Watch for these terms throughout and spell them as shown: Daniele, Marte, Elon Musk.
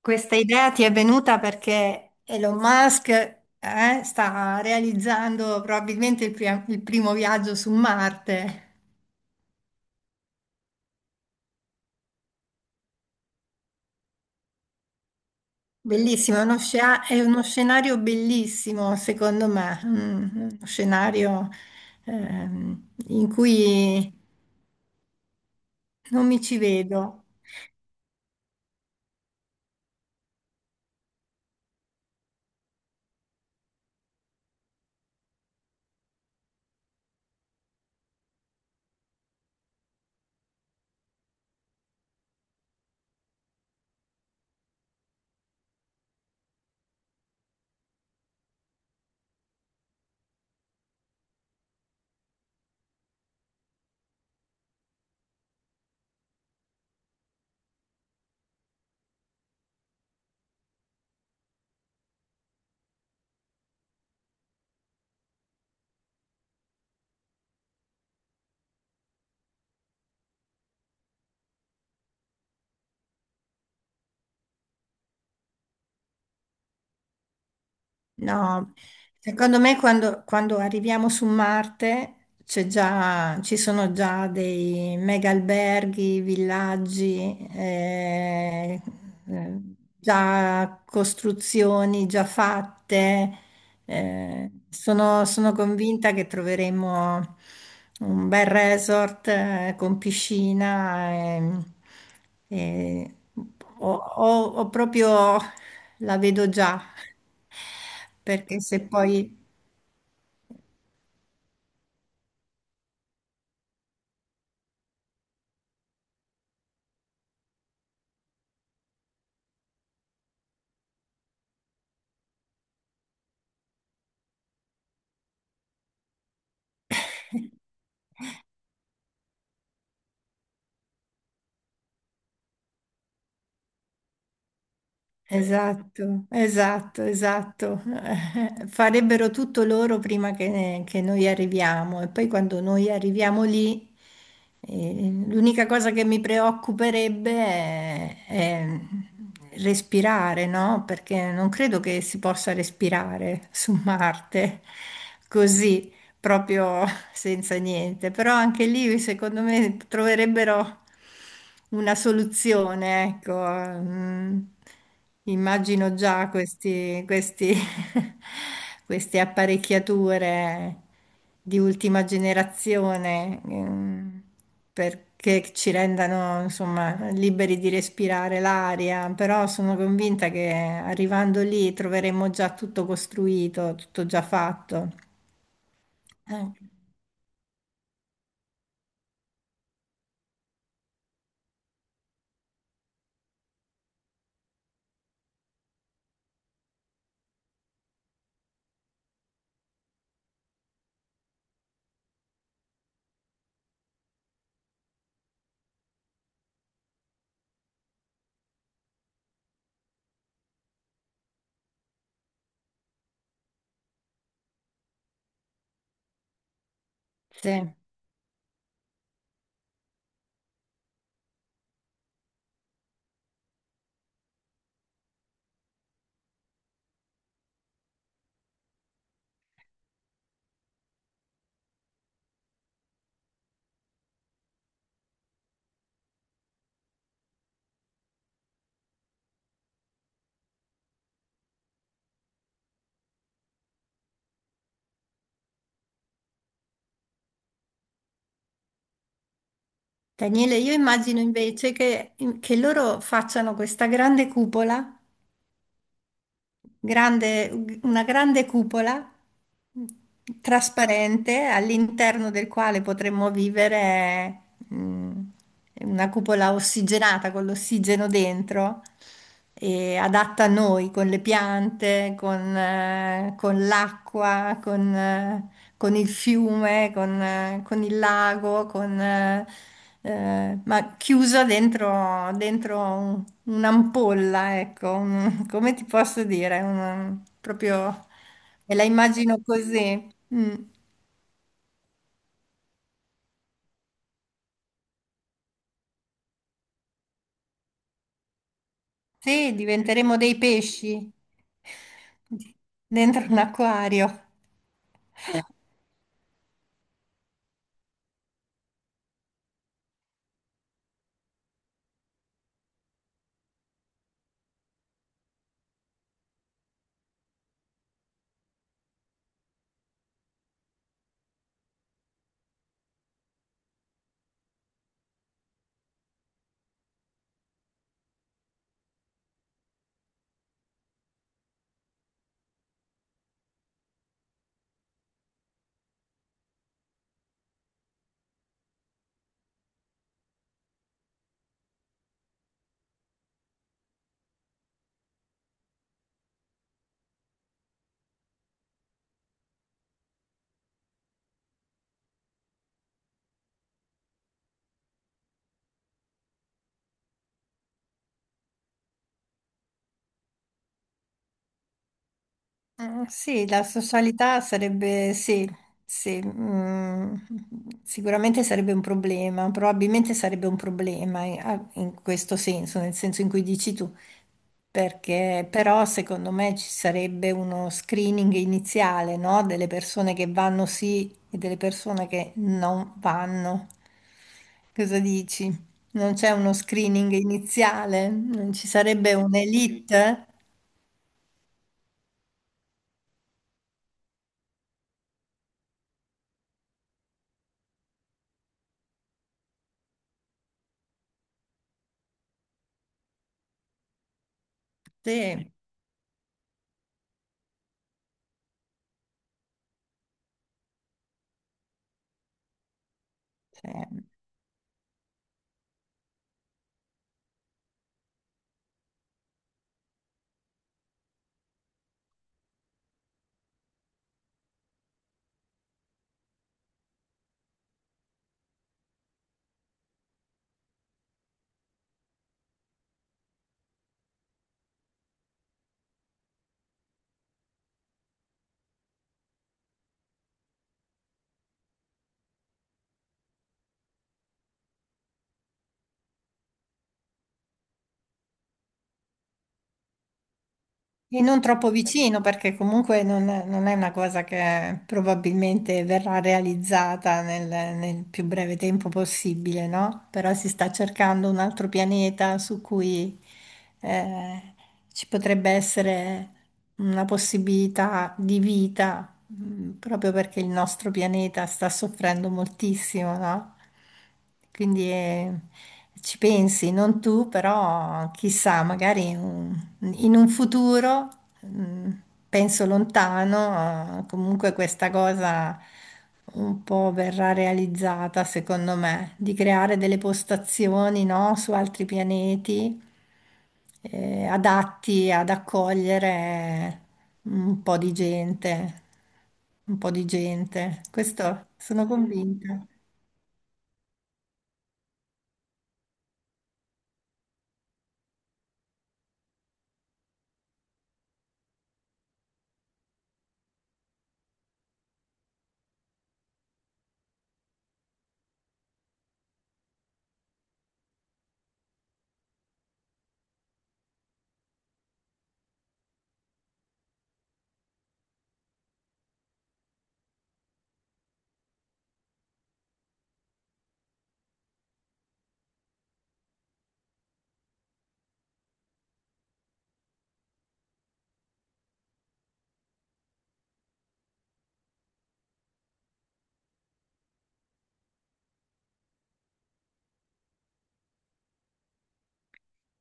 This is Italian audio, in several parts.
Questa idea ti è venuta perché Elon Musk, sta realizzando probabilmente il, il primo viaggio su Marte. Bellissimo, è uno, è uno scenario bellissimo, secondo me. Mm, uno scenario in cui non mi ci vedo. No, secondo me quando, quando arriviamo su Marte ci sono già dei mega alberghi, villaggi, eh, già costruzioni già fatte. Sono, sono convinta che troveremo un bel resort con piscina, e, o proprio la vedo già, perché se poi... Esatto, esatto, esatto. Farebbero tutto loro prima che noi arriviamo, e poi quando noi arriviamo lì, l'unica cosa che mi preoccuperebbe è respirare, no? Perché non credo che si possa respirare su Marte così, proprio, senza niente, però anche lì secondo me troverebbero una soluzione, ecco. Mm, immagino già questi, queste apparecchiature di ultima generazione, mm, perché ci rendano, insomma, liberi di respirare l'aria, però sono convinta che arrivando lì troveremo già tutto costruito, tutto già fatto. Eh, sì. Daniele, io immagino invece che loro facciano questa grande cupola, una grande cupola, mh, trasparente, all'interno del quale potremmo vivere, una cupola ossigenata, con l'ossigeno dentro, e adatta a noi, con le piante, con l'acqua, con il fiume, con il lago, con... ma chiusa dentro, dentro un'ampolla, ecco, un- come ti posso dire? Un- proprio me la immagino così. Mm. Sì, diventeremo dei pesci dentro un acquario. Sì, la socialità sarebbe, sì, sì, mm, sicuramente sarebbe un problema, probabilmente sarebbe un problema, in questo senso, nel senso in cui dici tu, perché però secondo me ci sarebbe uno screening iniziale, no? Delle persone che vanno sì e delle persone che non vanno. Cosa dici? Non c'è uno screening iniziale? Non ci sarebbe un'elite? Sì, sì. E non troppo vicino, perché comunque non, non è una cosa che probabilmente verrà realizzata nel, nel più breve tempo possibile, no? Però si sta cercando un altro pianeta su cui eh, ci potrebbe essere una possibilità di vita. Mm, proprio perché il nostro pianeta sta soffrendo moltissimo, no? Quindi, ci pensi, non tu, però chissà, magari in un futuro, mm, penso lontano, comunque questa cosa un po' verrà realizzata, secondo me, di creare delle postazioni, no, su altri pianeti adatti ad accogliere un po' di gente, un po' di gente. Questo sono convinta.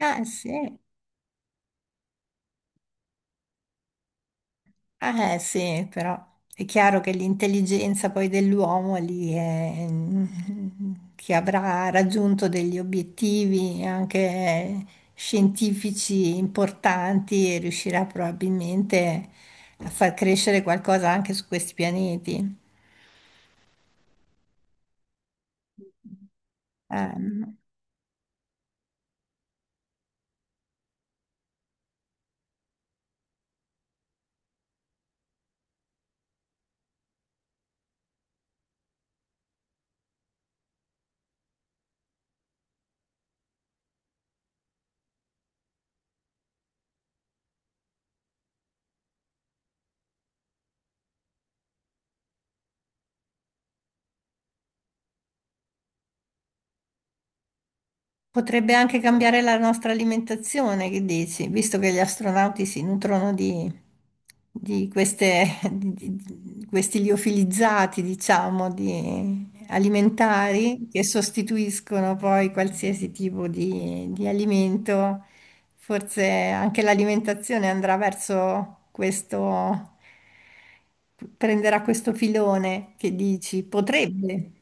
Ah sì, ah, sì, però è chiaro che l'intelligenza poi dell'uomo lì è, mm, che avrà raggiunto degli obiettivi anche scientifici importanti, e riuscirà probabilmente a far crescere qualcosa anche su questi pianeti. No. Potrebbe anche cambiare la nostra alimentazione, che dici? Visto che gli astronauti si nutrono di queste, di questi liofilizzati, diciamo, di alimentari che sostituiscono poi qualsiasi tipo di alimento, forse anche l'alimentazione andrà verso questo, prenderà questo filone che dici, potrebbe.